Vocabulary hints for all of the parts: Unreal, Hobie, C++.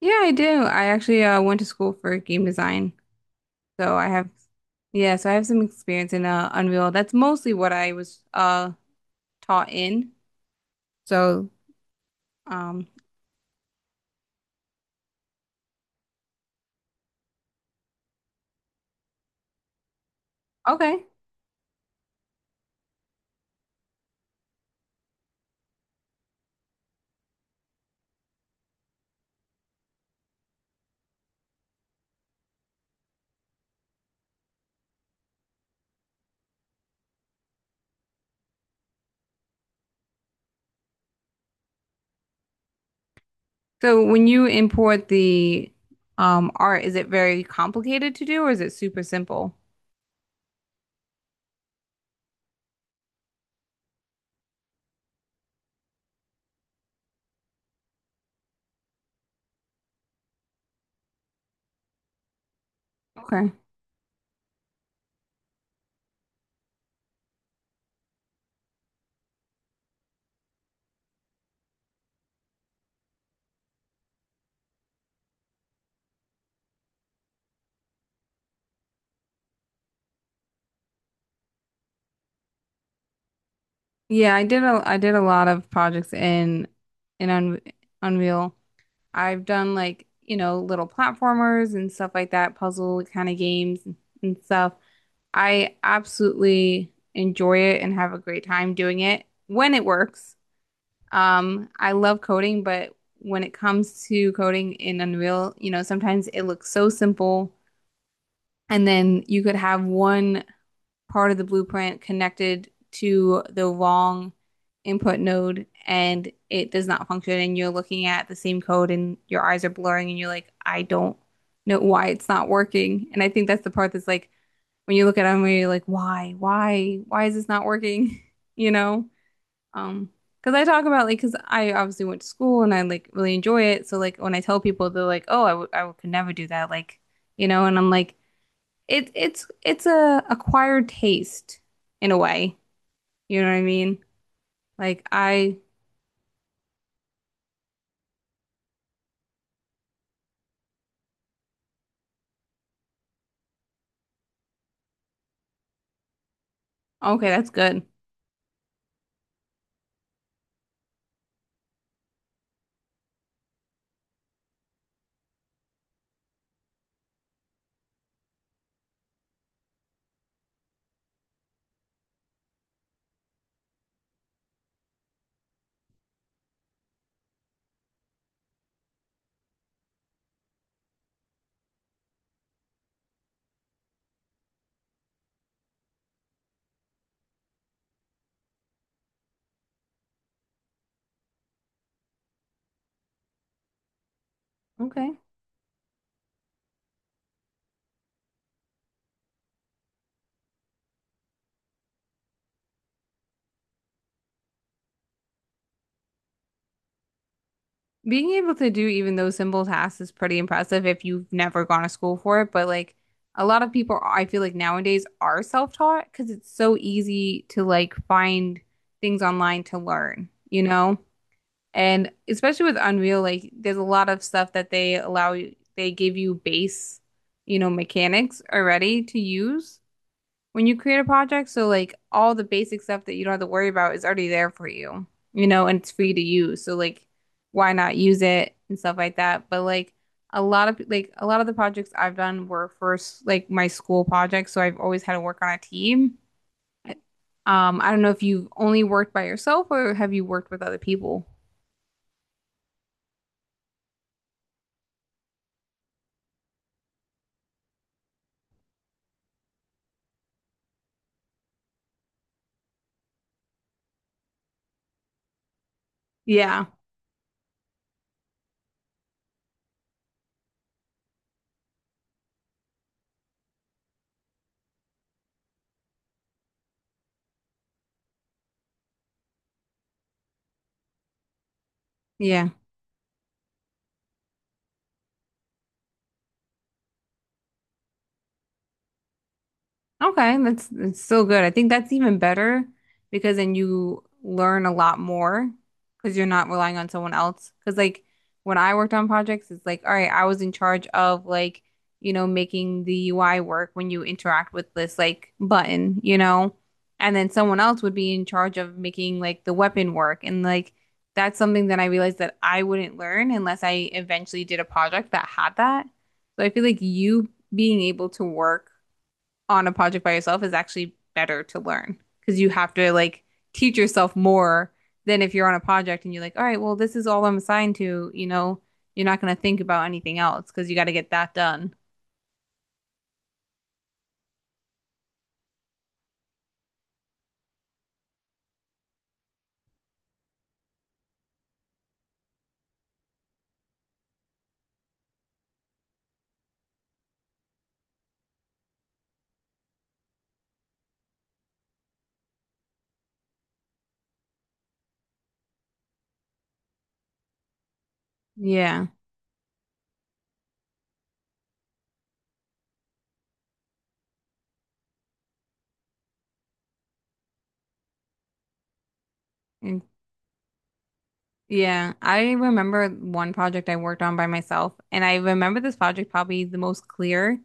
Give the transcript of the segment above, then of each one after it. Yeah, I do. I actually went to school for game design. So I have, yeah, so I have some experience in Unreal. That's mostly what I was taught in. So, um, okay. So when you import the art, is it very complicated to do or is it super simple? Okay. Yeah, I did a lot of projects in Un Unreal. I've done like, you know, little platformers and stuff like that, puzzle kind of games and stuff. I absolutely enjoy it and have a great time doing it when it works. I love coding, but when it comes to coding in Unreal, you know, sometimes it looks so simple, and then you could have one part of the blueprint connected to the wrong input node and it does not function, and you're looking at the same code and your eyes are blurring, and you're like, I don't know why it's not working. And I think that's the part that's like, when you look at them, you're like, why is this not working? You know? Um, because I talk about like, Because I obviously went to school and I like really enjoy it. So like when I tell people, they're like, oh, I could never do that. Like, you know? And I'm like, it's a acquired taste in a way. You know what I mean? Like I, okay, that's good. Okay. Being able to do even those simple tasks is pretty impressive if you've never gone to school for it. But like a lot of people, I feel like nowadays are self-taught because it's so easy to like find things online to learn, you know? And especially with Unreal, like there's a lot of stuff that they give you base, you know, mechanics already to use when you create a project, so like all the basic stuff that you don't have to worry about is already there for you, you know, and it's free to use. So like why not use it and stuff like that. But like a lot of the projects I've done were first like my school projects, so I've always had to work on a team. I don't know if you've only worked by yourself or have you worked with other people? Yeah. Yeah. Okay, that's still good. I think that's even better because then you learn a lot more because you're not relying on someone else. Because like when I worked on projects, it's like, all right, I was in charge of like, you know, making the UI work when you interact with this like button, you know, and then someone else would be in charge of making like the weapon work. And like that's something that I realized that I wouldn't learn unless I eventually did a project that had that. So I feel like you being able to work on a project by yourself is actually better to learn because you have to like teach yourself more than if you're on a project and you're like, all right, well, this is all I'm assigned to, you know, you're not going to think about anything else because you got to get that done. Yeah. And- yeah, I remember one project I worked on by myself, and I remember this project probably the most clear.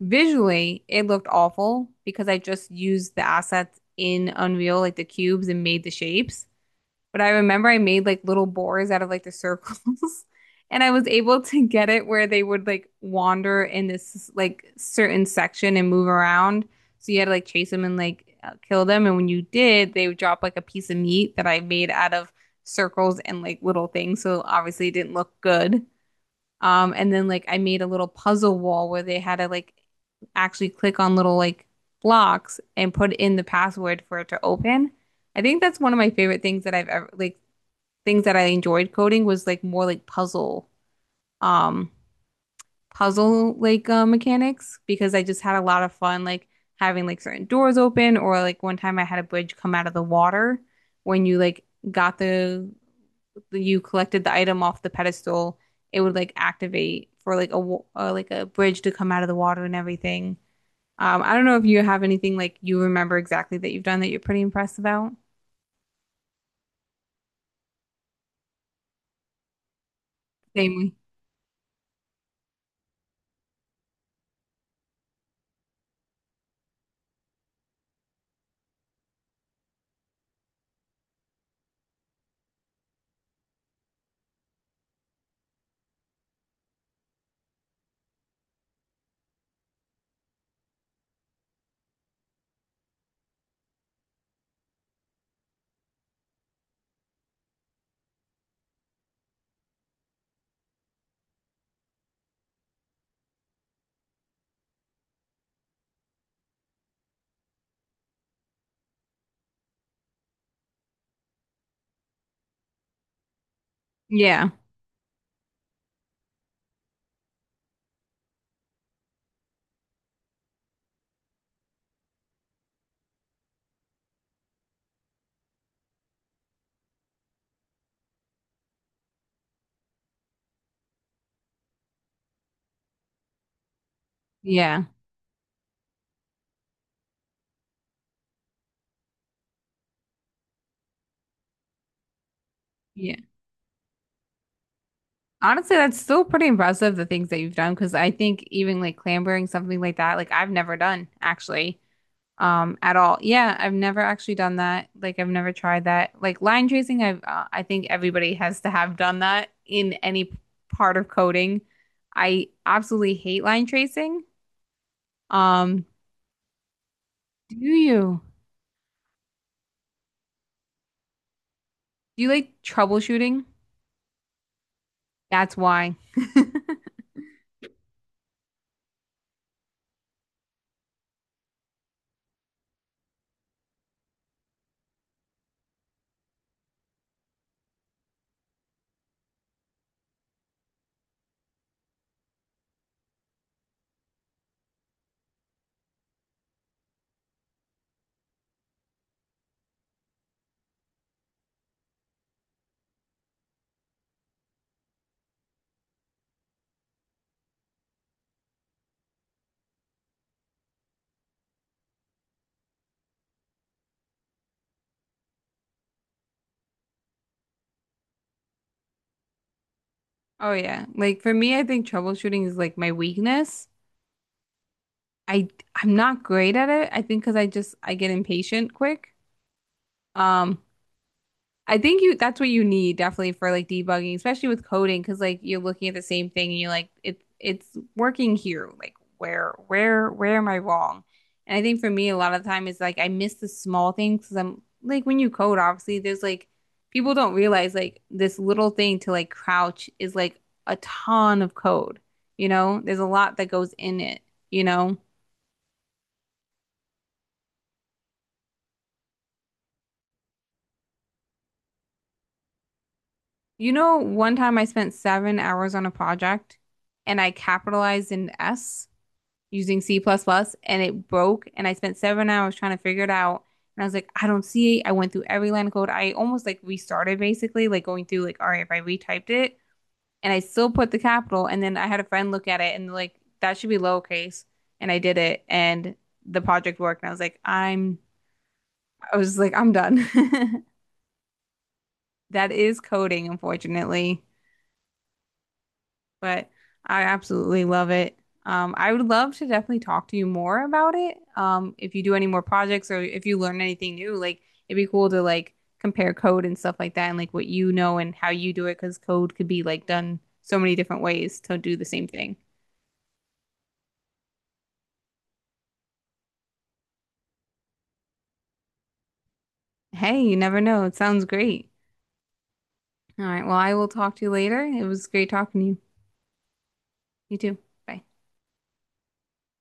Visually, it looked awful because I just used the assets in Unreal, like the cubes, and made the shapes. But I remember I made like little boars out of like the circles, and I was able to get it where they would like wander in this like certain section and move around. So you had to like chase them and like kill them. And when you did, they would drop like a piece of meat that I made out of circles and like little things. So obviously it didn't look good. And then like I made a little puzzle wall where they had to like actually click on little like blocks and put in the password for it to open. I think that's one of my favorite things that I've ever like things that I enjoyed coding was like more like um, puzzle like mechanics because I just had a lot of fun like having like certain doors open or like one time I had a bridge come out of the water when you like got the you collected the item off the pedestal, it would like activate for like like a bridge to come out of the water and everything. I don't know if you have anything like you remember exactly that you've done that you're pretty impressed about. Same. Yeah. Yeah. Yeah. Honestly, that's still pretty impressive the things that you've done because I think even like clambering something like that, like I've never done actually, at all. Yeah, I've never actually done that. Like I've never tried that. Like line tracing, I've I think everybody has to have done that in any part of coding. I absolutely hate line tracing. Um, do you? Do you like troubleshooting? That's why. Oh yeah. Like for me, I think troubleshooting is like my weakness. I I'm not great at it. I think because I get impatient quick. Um, I think you that's what you need definitely for like debugging, especially with coding, because like you're looking at the same thing and you're like it's working here. Like where am I wrong? And I think for me a lot of the time is like I miss the small things because I'm like when you code, obviously there's like people don't realize like this little thing to like crouch is like a ton of code. You know, there's a lot that goes in it. You know. You know, one time I spent 7 hours on a project and I capitalized in S using C++ plus plus and it broke and I spent 7 hours trying to figure it out. And I was like, I don't see it. I went through every line of code. I almost like restarted basically, like going through like, all right, if I retyped it and I still put the capital and then I had a friend look at it and like, that should be lowercase. And I did it and the project worked. And I was like, I'm, I was like, I'm done. That is coding, unfortunately. But I absolutely love it. I would love to definitely talk to you more about it. If you do any more projects or if you learn anything new, like it'd be cool to like compare code and stuff like that and like what you know and how you do it because code could be like done so many different ways to do the same thing. Hey, you never know. It sounds great. All right. Well, I will talk to you later. It was great talking to you. You too. Bye.